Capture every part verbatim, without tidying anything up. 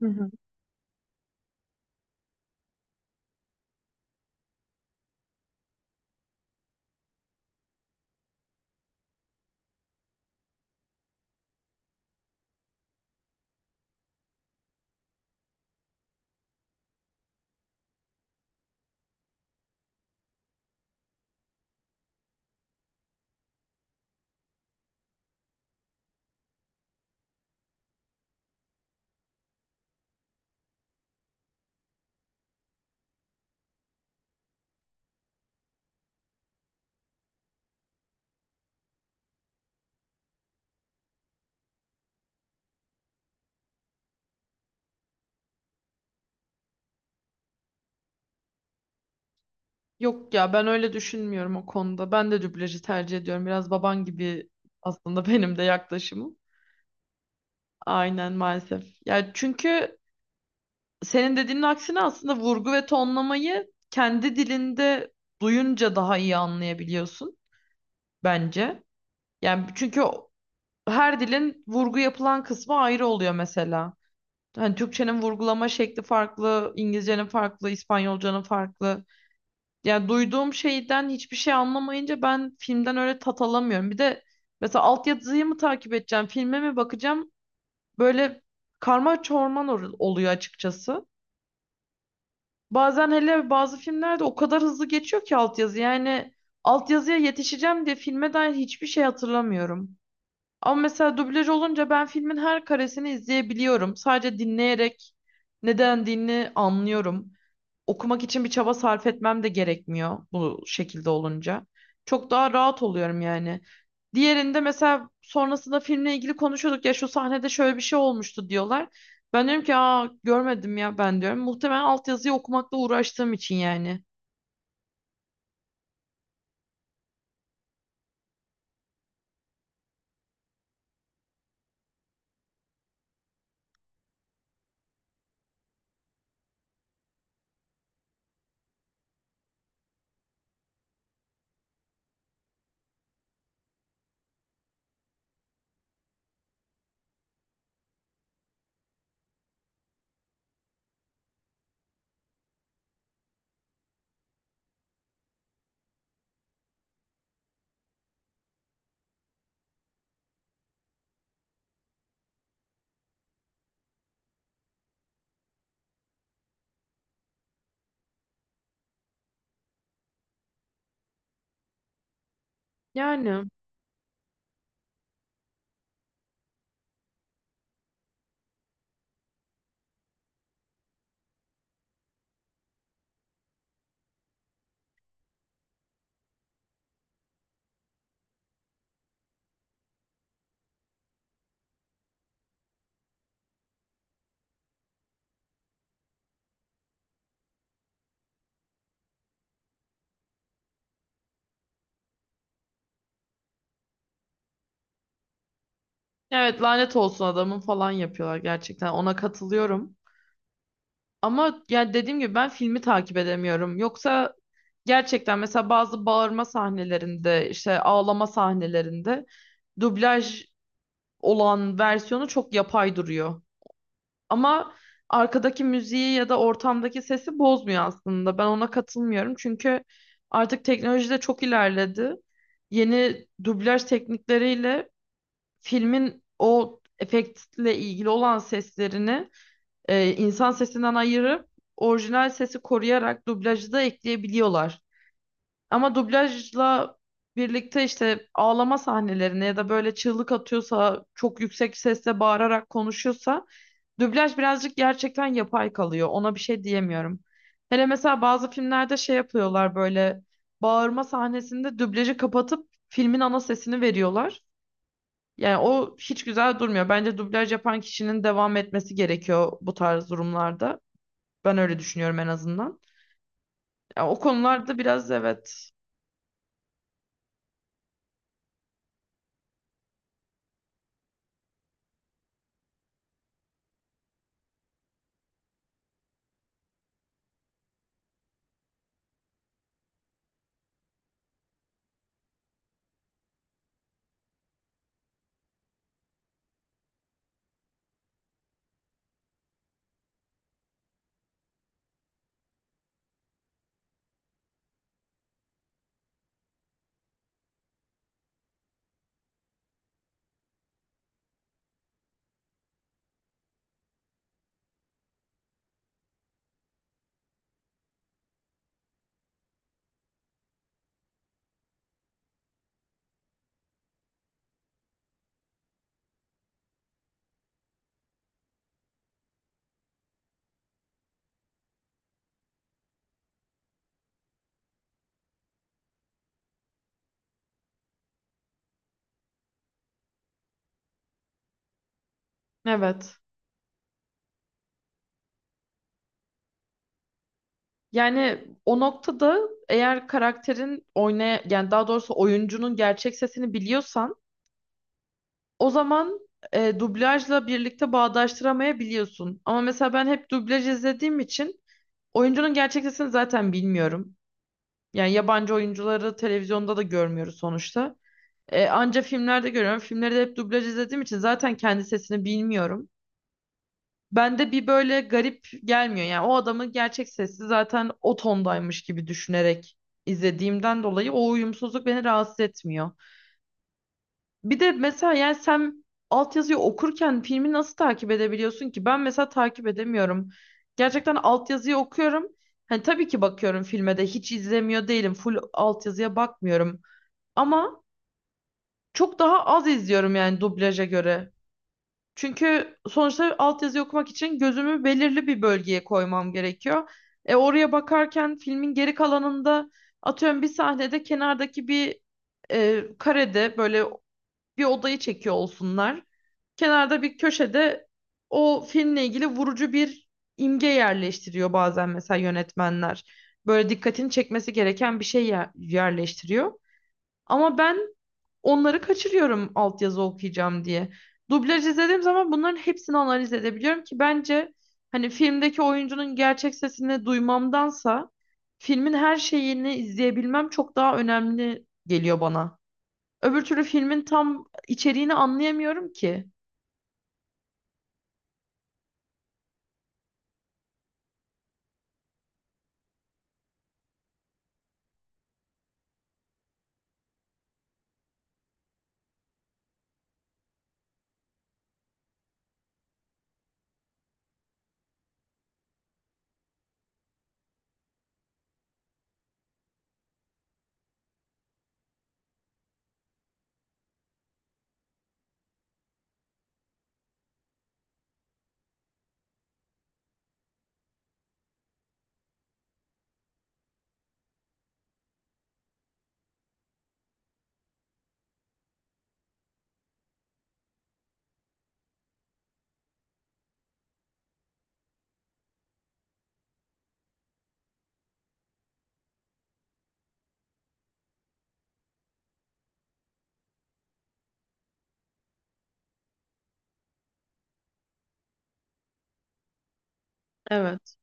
Hı hı. Yok ya ben öyle düşünmüyorum o konuda. Ben de dublajı tercih ediyorum. Biraz baban gibi aslında benim de yaklaşımım. Aynen maalesef. Ya çünkü senin dediğinin aksine aslında vurgu ve tonlamayı kendi dilinde duyunca daha iyi anlayabiliyorsun bence. Yani çünkü o- her dilin vurgu yapılan kısmı ayrı oluyor mesela. Hani Türkçenin vurgulama şekli farklı, İngilizcenin farklı, İspanyolcanın farklı. Yani duyduğum şeyden hiçbir şey anlamayınca ben filmden öyle tat alamıyorum. Bir de mesela altyazıyı mı takip edeceğim, filme mi bakacağım? Böyle karma çorman or- oluyor açıkçası. Bazen hele bazı filmlerde o kadar hızlı geçiyor ki altyazı. Yani altyazıya yetişeceğim diye filme dair hiçbir şey hatırlamıyorum. Ama mesela dublaj olunca ben filmin her karesini izleyebiliyorum. Sadece dinleyerek ne dendiğini anlıyorum. Okumak için bir çaba sarf etmem de gerekmiyor bu şekilde olunca. Çok daha rahat oluyorum yani. Diğerinde mesela sonrasında filmle ilgili konuşuyorduk ya şu sahnede şöyle bir şey olmuştu diyorlar. Ben diyorum ki aa görmedim ya ben diyorum. Muhtemelen altyazıyı okumakla uğraştığım için yani. Yani evet, lanet olsun adamın falan yapıyorlar, gerçekten ona katılıyorum. Ama yani dediğim gibi ben filmi takip edemiyorum. Yoksa gerçekten mesela bazı bağırma sahnelerinde, işte ağlama sahnelerinde dublaj olan versiyonu çok yapay duruyor. Ama arkadaki müziği ya da ortamdaki sesi bozmuyor aslında. Ben ona katılmıyorum. Çünkü artık teknoloji de çok ilerledi. Yeni dublaj teknikleriyle filmin o efektle ilgili olan seslerini e, insan sesinden ayırıp orijinal sesi koruyarak dublajı da ekleyebiliyorlar. Ama dublajla birlikte işte ağlama sahnelerine ya da böyle çığlık atıyorsa, çok yüksek sesle bağırarak konuşuyorsa dublaj birazcık gerçekten yapay kalıyor. Ona bir şey diyemiyorum. Hele mesela bazı filmlerde şey yapıyorlar böyle bağırma sahnesinde dublajı kapatıp filmin ana sesini veriyorlar. Yani o hiç güzel durmuyor. Bence dublaj yapan kişinin devam etmesi gerekiyor bu tarz durumlarda. Ben öyle düşünüyorum en azından. Ya, o konularda biraz evet. Evet. Yani o noktada eğer karakterin oynaya yani daha doğrusu oyuncunun gerçek sesini biliyorsan o zaman e, dublajla birlikte bağdaştıramayabiliyorsun. Ama mesela ben hep dublaj izlediğim için oyuncunun gerçek sesini zaten bilmiyorum. Yani yabancı oyuncuları televizyonda da görmüyoruz sonuçta. E, anca filmlerde görüyorum. Filmleri de hep dublaj izlediğim için zaten kendi sesini bilmiyorum. Bende bir böyle garip gelmiyor. Yani o adamın gerçek sesi zaten o tondaymış gibi düşünerek izlediğimden dolayı o uyumsuzluk beni rahatsız etmiyor. Bir de mesela yani sen altyazıyı okurken filmi nasıl takip edebiliyorsun ki? Ben mesela takip edemiyorum. Gerçekten altyazıyı okuyorum. Hani tabii ki bakıyorum filme de, hiç izlemiyor değilim. Full altyazıya bakmıyorum. Ama çok daha az izliyorum yani dublaja göre. Çünkü sonuçta altyazı okumak için gözümü belirli bir bölgeye koymam gerekiyor. E, oraya bakarken filmin geri kalanında atıyorum bir sahnede kenardaki bir e, karede böyle bir odayı çekiyor olsunlar. Kenarda bir köşede o filmle ilgili vurucu bir imge yerleştiriyor bazen mesela yönetmenler. Böyle dikkatini çekmesi gereken bir şey yer- yerleştiriyor. Ama ben onları kaçırıyorum altyazı okuyacağım diye. Dublaj izlediğim zaman bunların hepsini analiz edebiliyorum ki bence hani filmdeki oyuncunun gerçek sesini duymamdansa filmin her şeyini izleyebilmem çok daha önemli geliyor bana. Öbür türlü filmin tam içeriğini anlayamıyorum ki. Evet.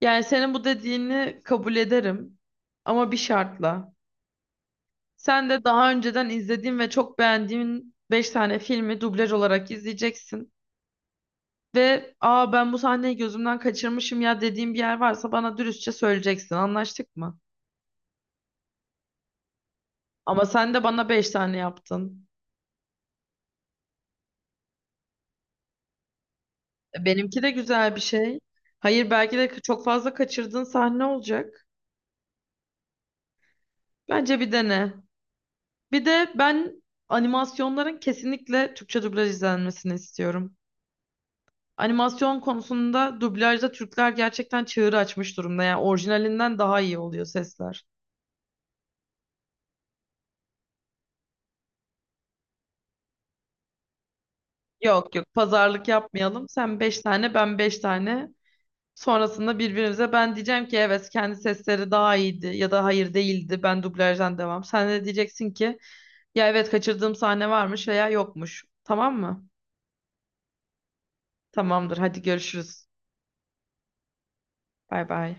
Yani senin bu dediğini kabul ederim ama bir şartla. Sen de daha önceden izlediğin ve çok beğendiğin beş tane filmi dublaj olarak izleyeceksin. Ve aa ben bu sahneyi gözümden kaçırmışım ya dediğim bir yer varsa bana dürüstçe söyleyeceksin. Anlaştık mı? Ama sen de bana beş tane yaptın. E, benimki de güzel bir şey. Hayır, belki de çok fazla kaçırdığın sahne olacak. Bence bir dene. Bir de ben animasyonların kesinlikle Türkçe dublaj izlenmesini istiyorum. Animasyon konusunda dublajda Türkler gerçekten çığır açmış durumda. Yani orijinalinden daha iyi oluyor sesler. Yok yok, pazarlık yapmayalım. Sen beş tane ben beş tane. Sonrasında birbirimize ben diyeceğim ki evet kendi sesleri daha iyiydi ya da hayır değildi ben dublajdan devam. Sen de diyeceksin ki ya evet kaçırdığım sahne varmış veya yokmuş. Tamam mı? Tamamdır, hadi görüşürüz. Bay bay.